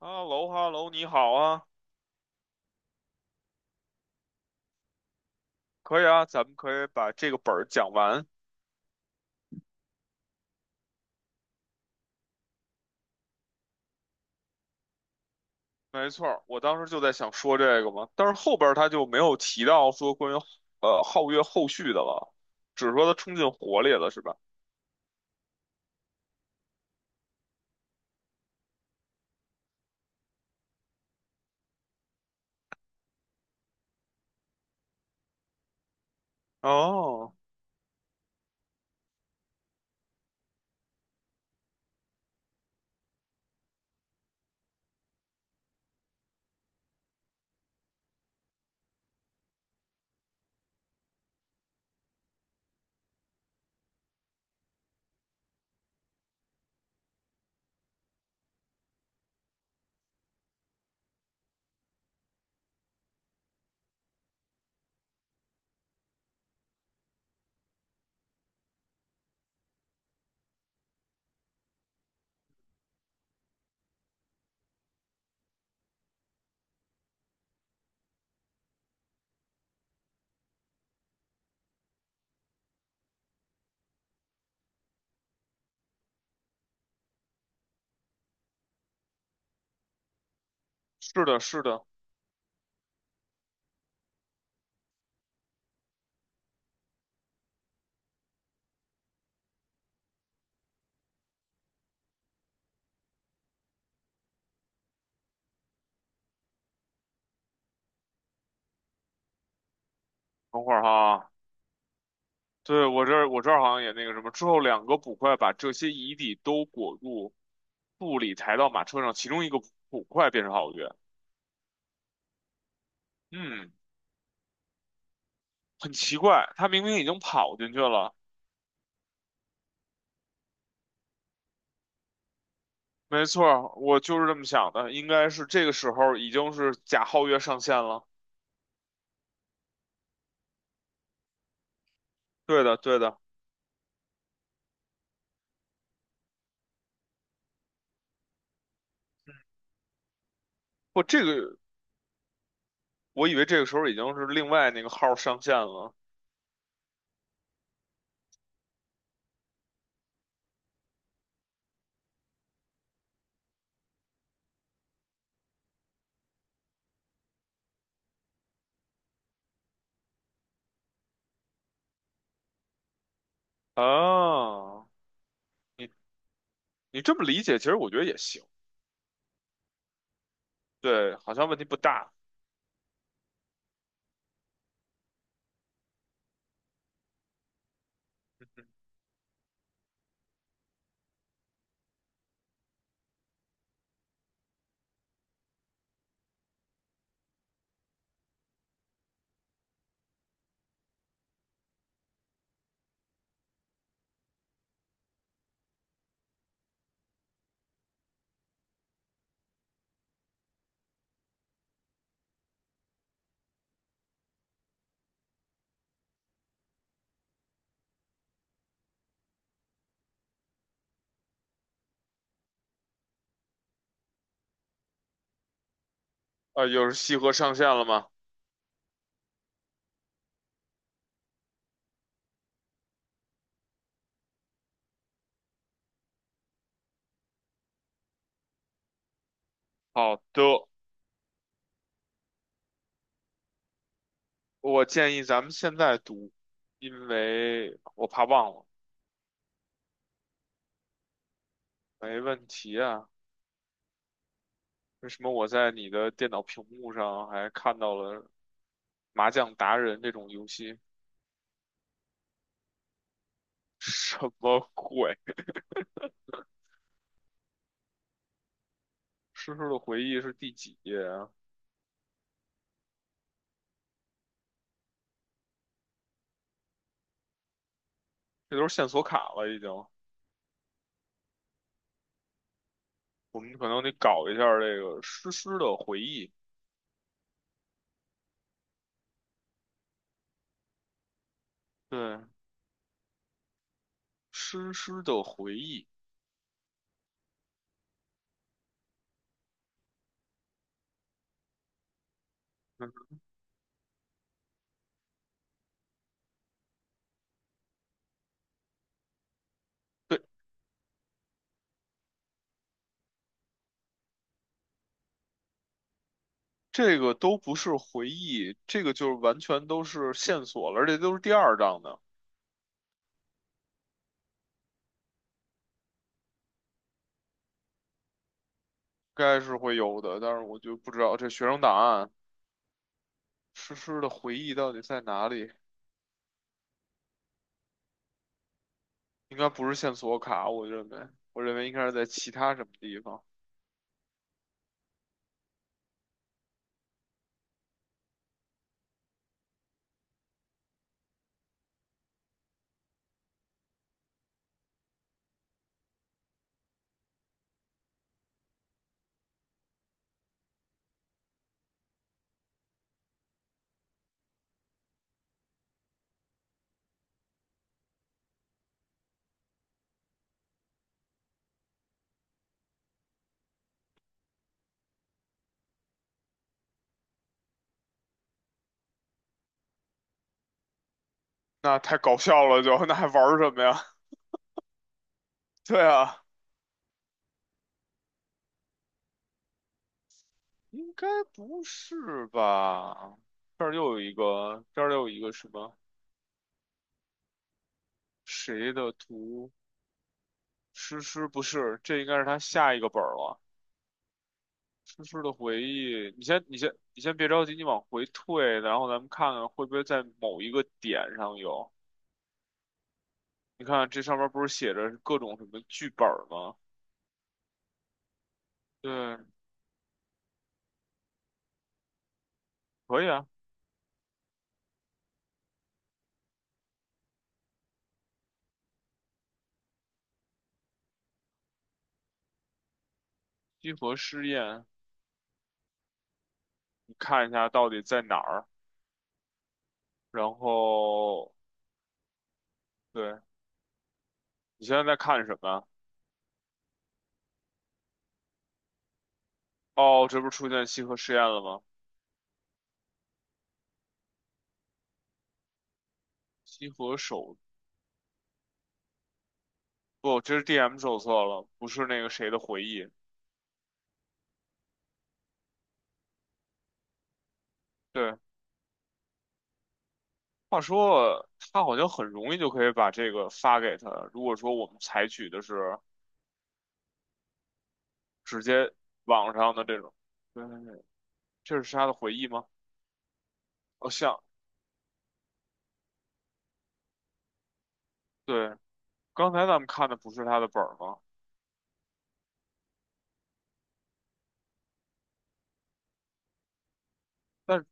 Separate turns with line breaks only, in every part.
哈喽哈喽，你好啊，可以啊，咱们可以把这个本儿讲完。没错儿，我当时就在想说这个嘛，但是后边儿他就没有提到说关于皓月后续的了，只是说他冲进火里了，是吧？哦，是的，是的。等会儿哈，对，我这儿我这儿好像也那个什么，之后两个捕快把这些遗体都裹入布里，抬到马车上，其中一个捕快变成皓月。嗯，很奇怪，他明明已经跑进去了。没错儿，我就是这么想的，应该是这个时候已经是贾皓月上线了。对的，对的，不，这个我以为这个时候已经是另外那个号上线了啊。你你这么理解，其实我觉得也行。对，好像问题不大。嗯啊，又是西河上线了吗？好的，我建议咱们现在读，因为我怕忘了。没问题啊。为什么我在你的电脑屏幕上还看到了《麻将达人》这种游戏？什么鬼？诗诗的回忆是第几页啊？这都是线索卡了，已经。我们可能得搞一下这个诗诗的回忆。对，诗诗的回忆。嗯，对，这个都不是回忆，这个就是完全都是线索了，而且都是第二章的，应该是会有的，但是我就不知道这学生档案诗诗的回忆到底在哪里。应该不是线索卡，我认为，我认为应该是在其他什么地方。那太搞笑了就，那还玩什么呀？对啊，应该不是吧？这儿又有一个，这儿又有一个什么谁的图？诗诗不是，这应该是他下一个本儿了。诗诗的回忆，你先，你先，你先别着急，你往回退，然后咱们看看会不会在某一个点上有。你看这上面不是写着各种什么剧本儿吗？对，可以啊，集合试验，你看一下到底在哪儿，然后对，你现在在看什么啊？哦，这不是出现西河试验了吗？西河手，不，这是 DM 手册了，不是那个谁的回忆。对，话说他好像很容易就可以把这个发给他。如果说我们采取的是直接网上的这种，对，这是他的回忆吗？哦，像，对，刚才咱们看的不是他的本儿吗？但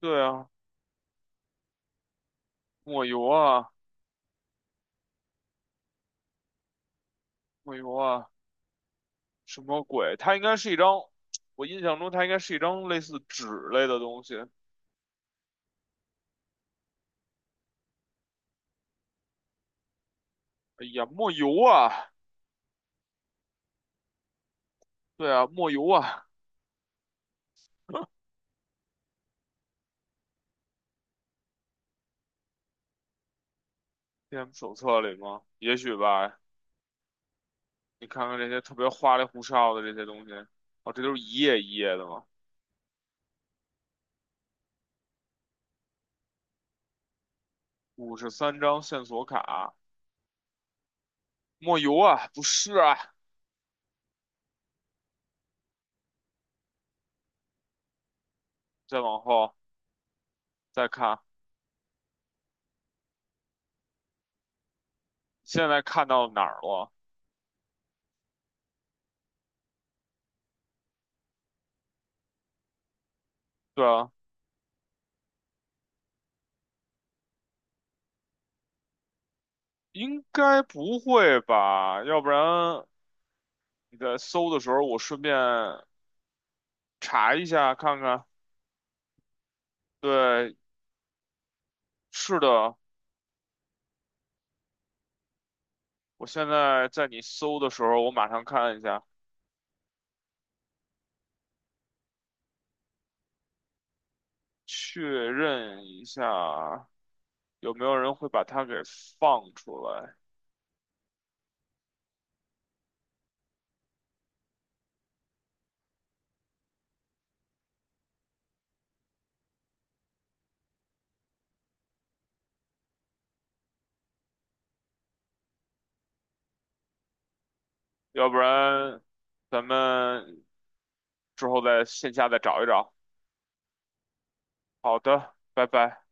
对啊，抹油啊，抹油啊，什么鬼？它应该是一张，我印象中它应该是一张类似纸类的东西。哎呀，抹油啊！对啊，莫尤啊，DM 手册里吗？也许吧。你看看这些特别花里胡哨的这些东西，哦，这都是一页一页的吗？53张线索卡，莫尤啊，不是啊。再往后再看，现在看到哪儿了？对啊，应该不会吧？要不然你在搜的时候，我顺便查一下看看。对，是的，我现在在你搜的时候，我马上看一下，确认一下。有没有人会把它给放出来？要不然咱们之后在线下再找一找。好的，拜拜。